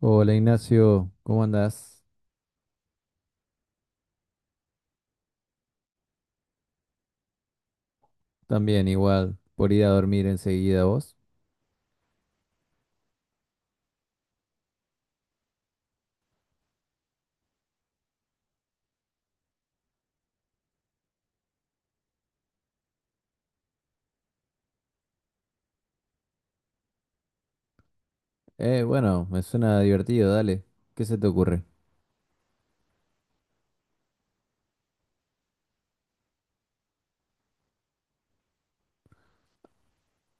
Hola Ignacio, ¿cómo andás? También igual, por ir a dormir enseguida vos. Bueno, me suena divertido, dale. ¿Qué se te ocurre?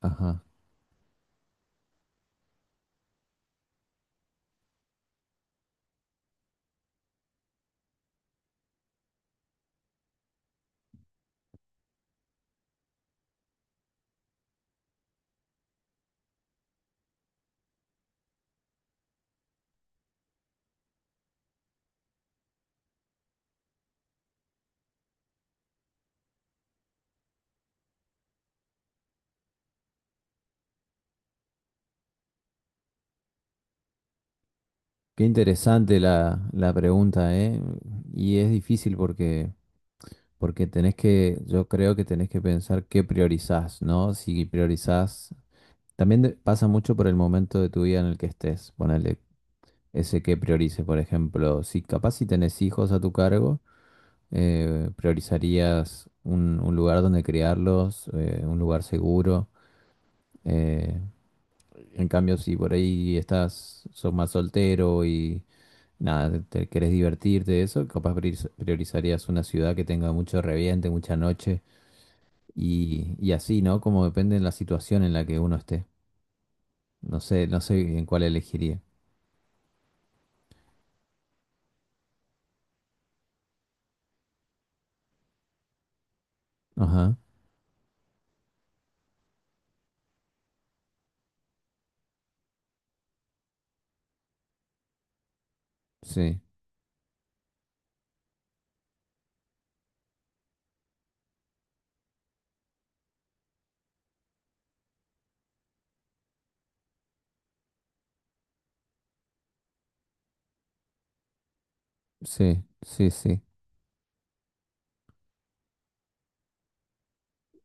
Ajá. Qué interesante la pregunta, ¿eh? Y es difícil porque tenés que, yo creo que tenés que pensar qué priorizás, ¿no? Si priorizás, también pasa mucho por el momento de tu vida en el que estés. Ponele ese qué priorice, por ejemplo, si capaz si tenés hijos a tu cargo. ¿Priorizarías un lugar donde criarlos, un lugar seguro? Eh, en cambio, si por ahí estás, sos más soltero y nada, te querés divertirte de eso, capaz priorizarías una ciudad que tenga mucho reviente, mucha noche y así, ¿no? Como depende de la situación en la que uno esté. No sé en cuál elegiría. Ajá, sí, sí, sí, sí.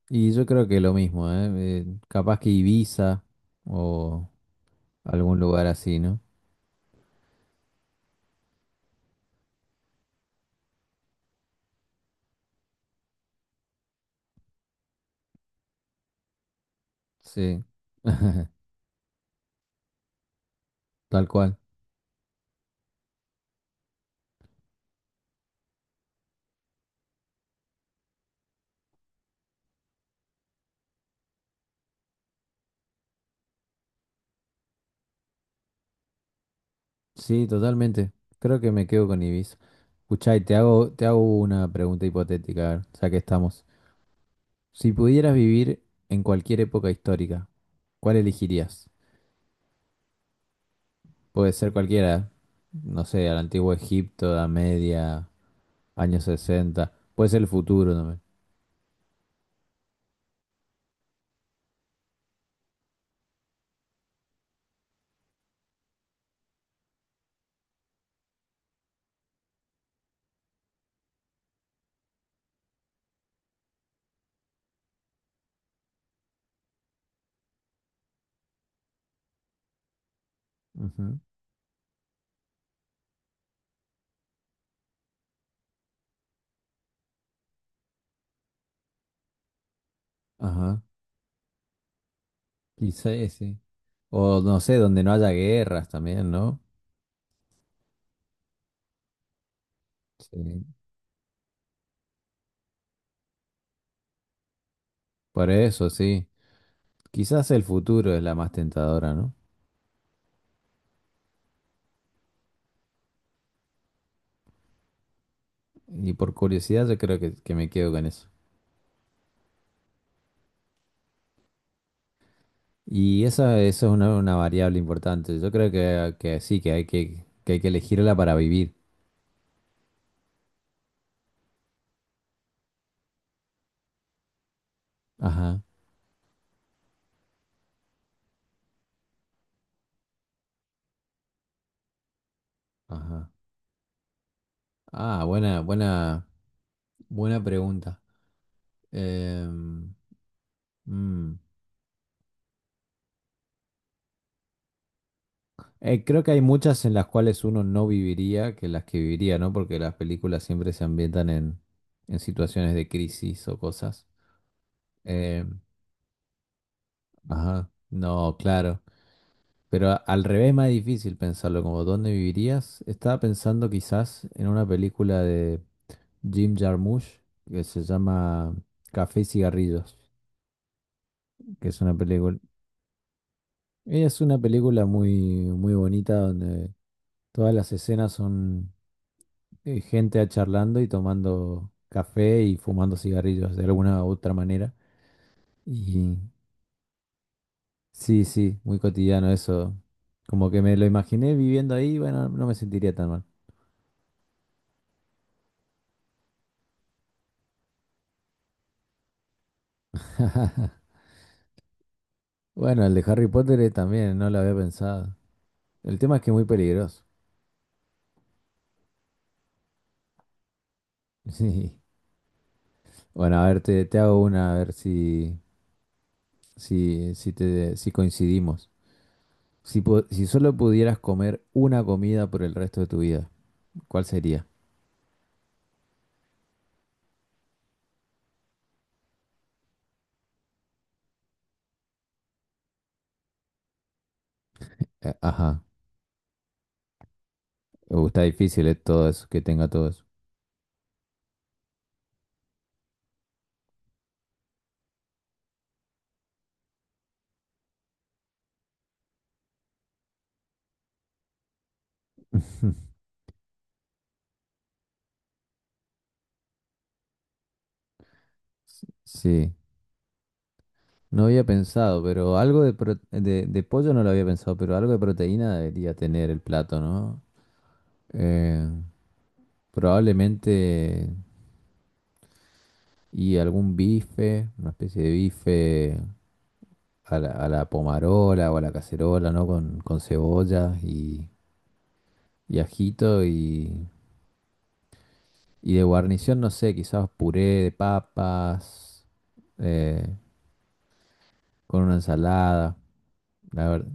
Y yo creo que lo mismo, ¿eh? Capaz que Ibiza o... Algún lugar así, ¿no? Sí, tal cual. Sí, totalmente. Creo que me quedo con Ibiza. Escuchá, y te hago una pregunta hipotética, a ver, ya que estamos. Si pudieras vivir en cualquier época histórica, ¿cuál elegirías? Puede ser cualquiera, no sé, al antiguo Egipto, Edad Media, años 60, puede ser el futuro también. Ujú. Ajá, quizá ese. O no sé, donde no haya guerras también, ¿no? Sí. Por eso, sí. Quizás el futuro es la más tentadora, ¿no? Y por curiosidad yo creo que me quedo con eso. Y esa, eso es una variable importante. Yo creo que sí, que hay que elegirla para vivir. Ajá, ajá. Ah, buena pregunta. Em, mm. Creo que hay muchas en las cuales uno no viviría que las que viviría, ¿no? Porque las películas siempre se ambientan en situaciones de crisis o cosas. Em, ajá, no, claro. Pero al revés es más difícil pensarlo, como ¿dónde vivirías? Estaba pensando quizás en una película de Jim Jarmusch que se llama Café y cigarrillos, que es una película muy bonita donde todas las escenas son gente charlando y tomando café y fumando cigarrillos de alguna u otra manera. Y sí, sí, muy cotidiano eso. Como que me lo imaginé viviendo ahí, bueno, no me sentiría tan mal. Bueno, el de Harry Potter también, no lo había pensado. El tema es que es muy peligroso. Sí. Bueno, a ver, te hago una, a ver si coincidimos. Si, si solo pudieras comer una comida por el resto de tu vida, ¿cuál sería? Ajá, está difícil que tenga todo eso. Sí, no había pensado, pero algo de, de pollo no lo había pensado, pero algo de proteína debería tener el plato, ¿no? Eh, probablemente. Y algún bife, una especie de bife a la pomarola o a la cacerola, ¿no? Con cebolla y ajito y de guarnición, no sé, quizás puré de papas, eh, con una ensalada. La verdad.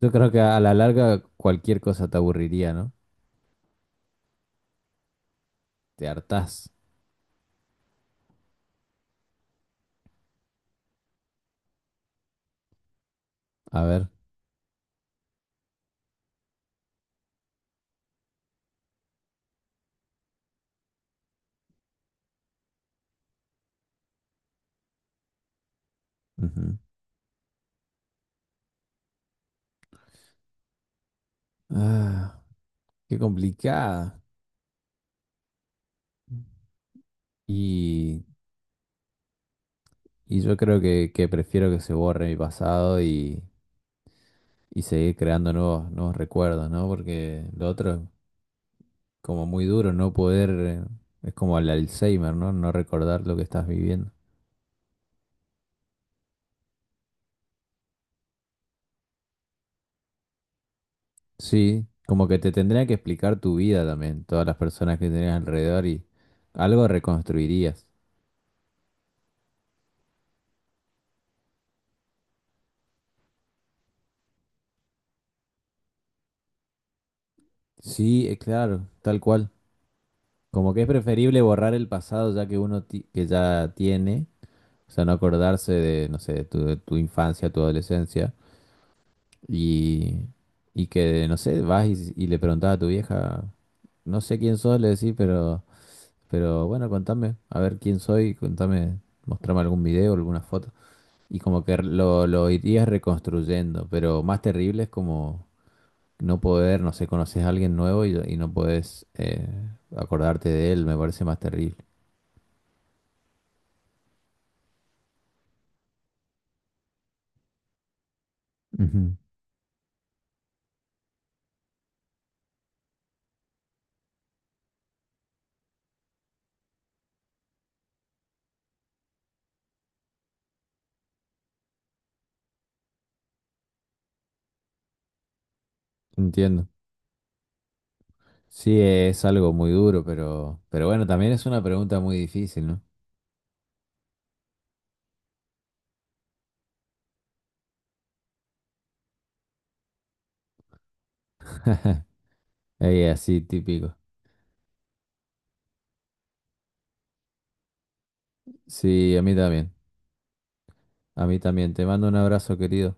Yo creo que a la larga cualquier cosa te aburriría, ¿no? Te hartás. A ver. Ujú. Ah, qué complicada. Y, y yo creo que prefiero que se borre mi pasado y seguir creando nuevos recuerdos, ¿no? Porque lo otro es como muy duro, no poder, es como el Alzheimer, ¿no? No recordar lo que estás viviendo. Sí, como que te tendría que explicar tu vida también, todas las personas que tenés alrededor y algo reconstruirías. Sí, claro, tal cual. Como que es preferible borrar el pasado ya que uno que ya tiene, o sea, no acordarse de, no sé, de tu infancia, tu adolescencia Y, y que, no sé, vas y le preguntás a tu vieja, no sé quién sos, le decís, pero bueno, contame, a ver quién soy, contame, mostrame algún video, alguna foto. Y como que lo irías reconstruyendo, pero más terrible es como no poder, no sé, conoces a alguien nuevo y no podés acordarte de él, me parece más terrible. Ujú. Entiendo. Sí, es algo muy duro, pero bueno, también es una pregunta muy difícil, ¿no? Es así típico. Sí, a mí también. A mí también. Te mando un abrazo, querido.